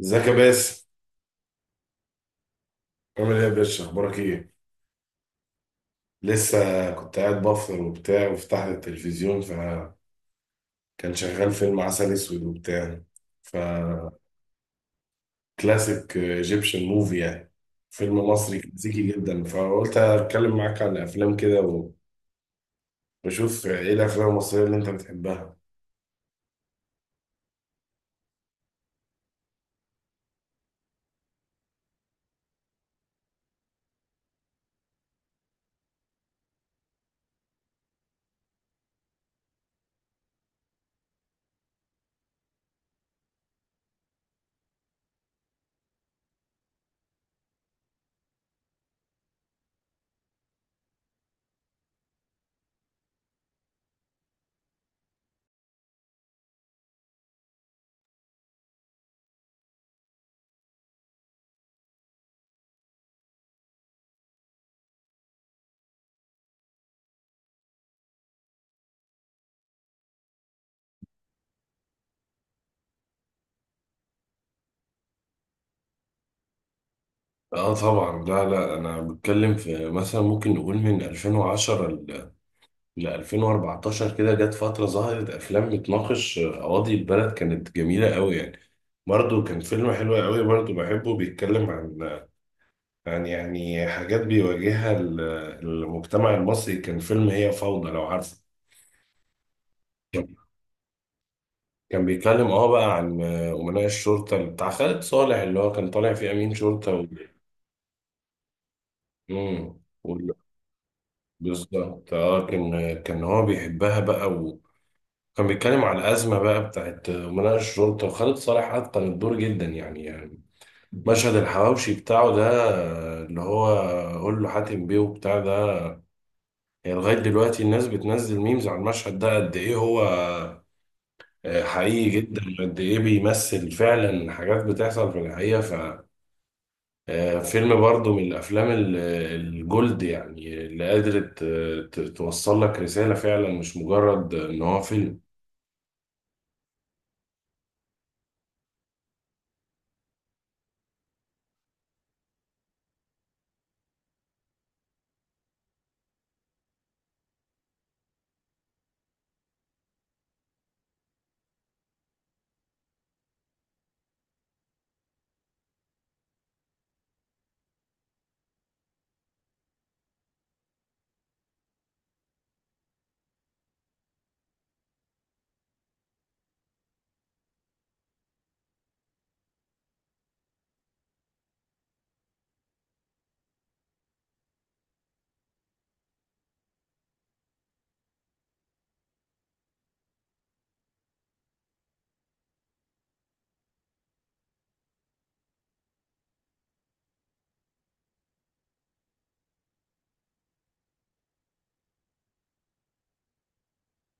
ازيك يا باسم؟ عامل ايه يا باشا؟ اخبارك ايه؟ لسه كنت قاعد بفطر وبتاع، وفتحت التلفزيون فكان شغال فيلم عسل اسود وبتاع، فكلاسيك ايجيبشن موفي يعني، فيلم مصري كلاسيكي جدا. فقلت اتكلم معاك عن افلام كده واشوف ايه الافلام المصريه اللي انت بتحبها. اه طبعا. لا لا، انا بتكلم في مثلا ممكن نقول من 2010 ل 2014 كده، جت فترة ظهرت أفلام بتناقش قواضي البلد كانت جميلة قوي يعني. برضه كان فيلم حلو قوي برضه بحبه، بيتكلم عن يعني حاجات بيواجهها المجتمع المصري، كان فيلم هي فوضى لو عارفه. كان كان بيتكلم اه بقى عن أمناء الشرطة اللي بتاع خالد صالح، اللي هو كان طالع فيه أمين شرطة و... مم. وال- بالظبط اه، كان هو بيحبها بقى. كان بيتكلم على الأزمة بقى بتاعت مناقشة الشرطة، وخالد صالح أتقن الدور جدا يعني. مشهد الحواوشي بتاعه ده، اللي هو قول له حاتم بيه وبتاع ده، يعني لغاية دلوقتي الناس بتنزل ميمز على المشهد ده، قد إيه هو حقيقي جدا، قد إيه بيمثل فعلا حاجات بتحصل في الحقيقة ف- فيلم برضه من الأفلام الجولد يعني، اللي قادرة توصل لك رسالة فعلا، مش مجرد إن هو فيلم.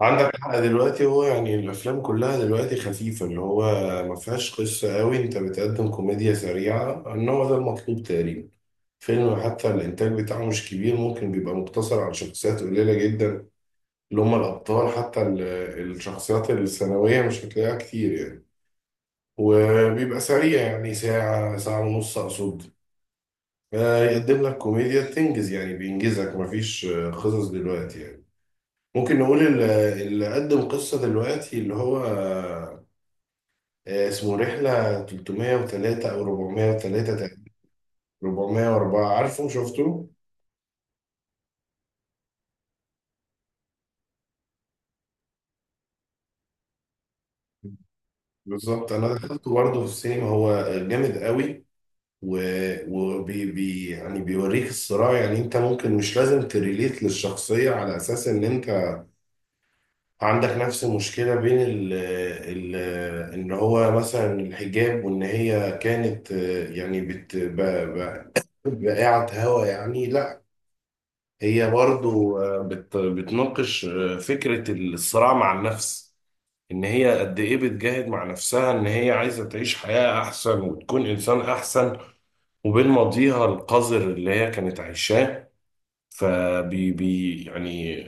عندك حق، دلوقتي هو يعني الافلام كلها دلوقتي خفيفه، اللي هو ما فيهاش قصه قوي، انت بتقدم كوميديا سريعه، ان هو ده المطلوب تقريبا. فيلم حتى الانتاج بتاعه مش كبير، ممكن بيبقى مقتصر على شخصيات قليله جدا اللي هم الابطال، حتى الشخصيات الثانويه مش هتلاقيها كتير يعني. وبيبقى سريع يعني ساعه، ساعه ونص اقصد، يقدم لك كوميديا تنجز يعني، بينجزك. مفيش قصص دلوقتي يعني. ممكن نقول اللي قدم قصة دلوقتي اللي هو اسمه رحلة 303 أو 403 تقريبا. 404. عارفه شفته؟ بالظبط، أنا دخلته برضه في السينما، هو جامد قوي، و... وبي يعني بيوريك الصراع، يعني أنت ممكن مش لازم تريليت للشخصية على أساس إن أنت عندك نفس المشكلة بين ال إن هو مثلا الحجاب، وإن هي كانت آه، يعني بقعة هوا يعني. لا، هي برضو بتناقش فكرة الصراع مع النفس، إن هي قد إيه بتجاهد مع نفسها، إن هي عايزة تعيش حياة أحسن وتكون إنسان أحسن، وبين ماضيها القذر اللي هي كانت عايشاه. فبي يعني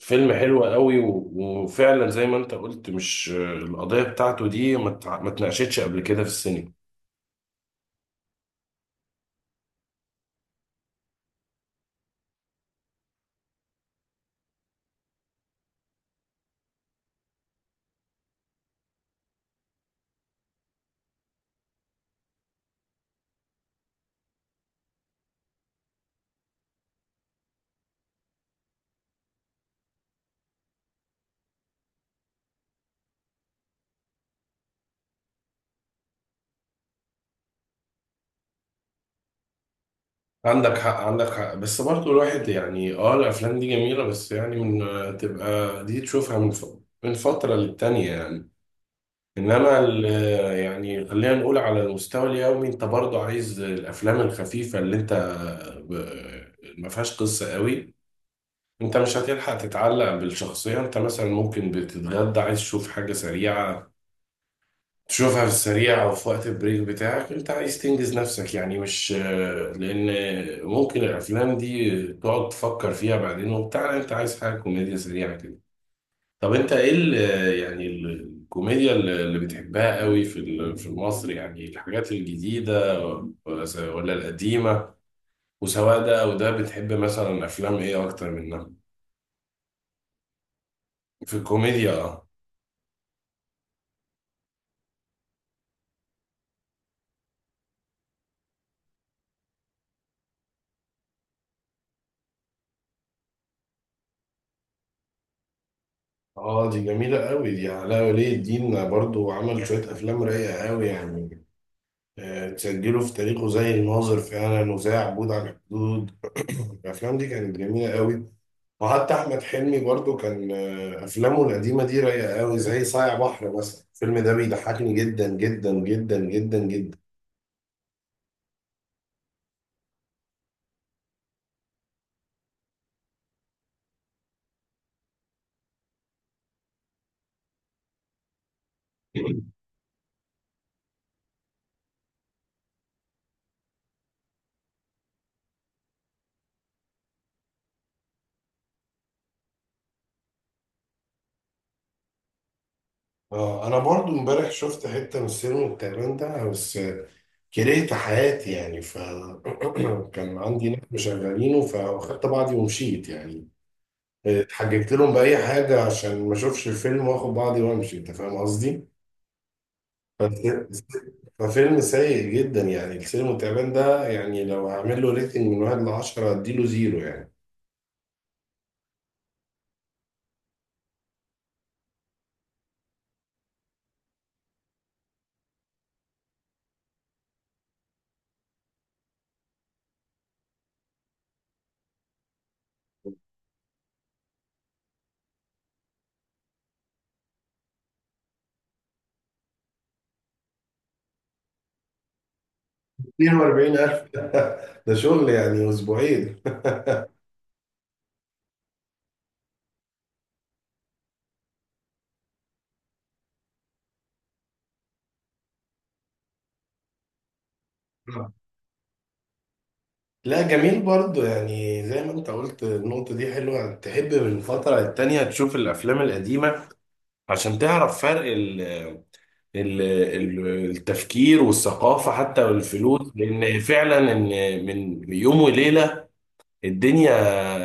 فيلم حلو قوي وفعلا زي ما أنت قلت، مش القضية بتاعته دي ما اتناقشتش قبل كده في السينما. عندك حق، عندك حق، بس برضه الواحد يعني اه الافلام دي جميله، بس يعني من آه، تبقى دي تشوفها من فتره للتانيه يعني. انما يعني خلينا نقول على المستوى اليومي انت برضه عايز الافلام الخفيفه اللي انت ما فيهاش قصه قوي، انت مش هتلحق تتعلق بالشخصيه. انت مثلا ممكن بتتغدى عايز تشوف حاجه سريعه، تشوفها في السريع او في وقت البريك بتاعك، انت عايز تنجز نفسك يعني، مش لان ممكن الافلام دي تقعد تفكر فيها بعدين وبتاع، لا، انت عايز حاجه كوميديا سريعه كده. طب انت ايه يعني ال- الكوميديا اللي بتحبها قوي في في مصر يعني، الحاجات الجديده ولا القديمه؟ وسواء ده او ده بتحب مثلا افلام ايه اكتر منها؟ في الكوميديا اه. اه دي جميلة قوي، دي علاء ولي الدين برضو عمل شوية أفلام رايقة قوي يعني، تسجله في تاريخه، زي الناظر فعلا، وزي عبود على الحدود. الافلام دي كانت جميله قوي. وحتى احمد حلمي برضو كان افلامه القديمه دي رايقه قوي، زي صايع بحر مثلا، الفيلم ده بيضحكني جدا جدا جدا جدا جدا. اه انا برضو امبارح شفت حته من السينما التعبان ده، بس كرهت حياتي يعني ف- كان عندي ناس مشغلينه، فاخدت بعضي ومشيت يعني، اتحججت لهم بأي حاجة عشان ما اشوفش الفيلم، واخد بعضي وامشي. انت فاهم قصدي؟ فف- ففيلم سيء جدا يعني، السينما التعبان ده يعني، لو هعمل له ريتنج من واحد لعشرة هديله زيرو يعني. 42,000 ده شغل يعني أسبوعين. لا جميل برضو، يعني زي ما انت قلت النقطة دي حلوة، تحب من فترة للتانية تشوف الأفلام القديمة عشان تعرف فرق التفكير والثقافة حتى والفلوس، لأن فعلا إن من يوم وليلة الدنيا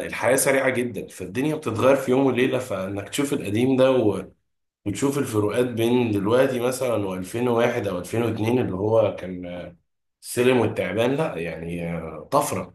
الحياة سريعة جدا، فالدنيا بتتغير في يوم وليلة، فإنك تشوف القديم ده وتشوف الفروقات بين دلوقتي مثلا و2001 أو 2002، اللي هو كان السلم والتعبان، لا يعني طفرة.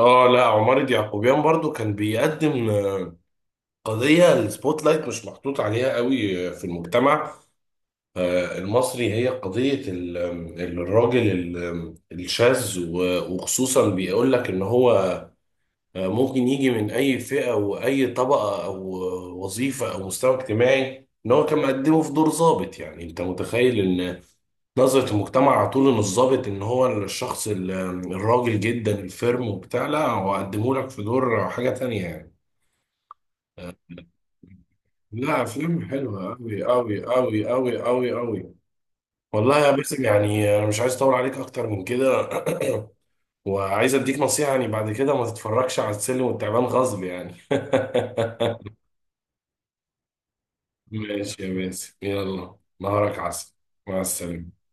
اه لا، عمارة يعقوبيان برضو كان بيقدم قضية السبوت لايت مش محطوط عليها قوي في المجتمع المصري، هي قضية الراجل الشاذ، وخصوصا بيقول لك ان هو ممكن يجي من اي فئة، واي طبقة او وظيفة او مستوى اجتماعي، ان هو كان مقدمه في دور ضابط. يعني انت متخيل ان نظرة المجتمع على طول ان الضابط ان هو الشخص الراجل جدا الفيرم وبتاع، لا، هو قدمه لك في دور حاجة تانية يعني. لا فيلم حلوة أوي أوي أوي أوي أوي أوي. والله يا باسم، يعني انا مش عايز اطول عليك اكتر من كده. وعايز اديك نصيحه يعني، بعد كده ما تتفرجش على السلم والتعبان غصب يعني. ماشي يا باسم، يلا نهارك عسل، مع السلامه.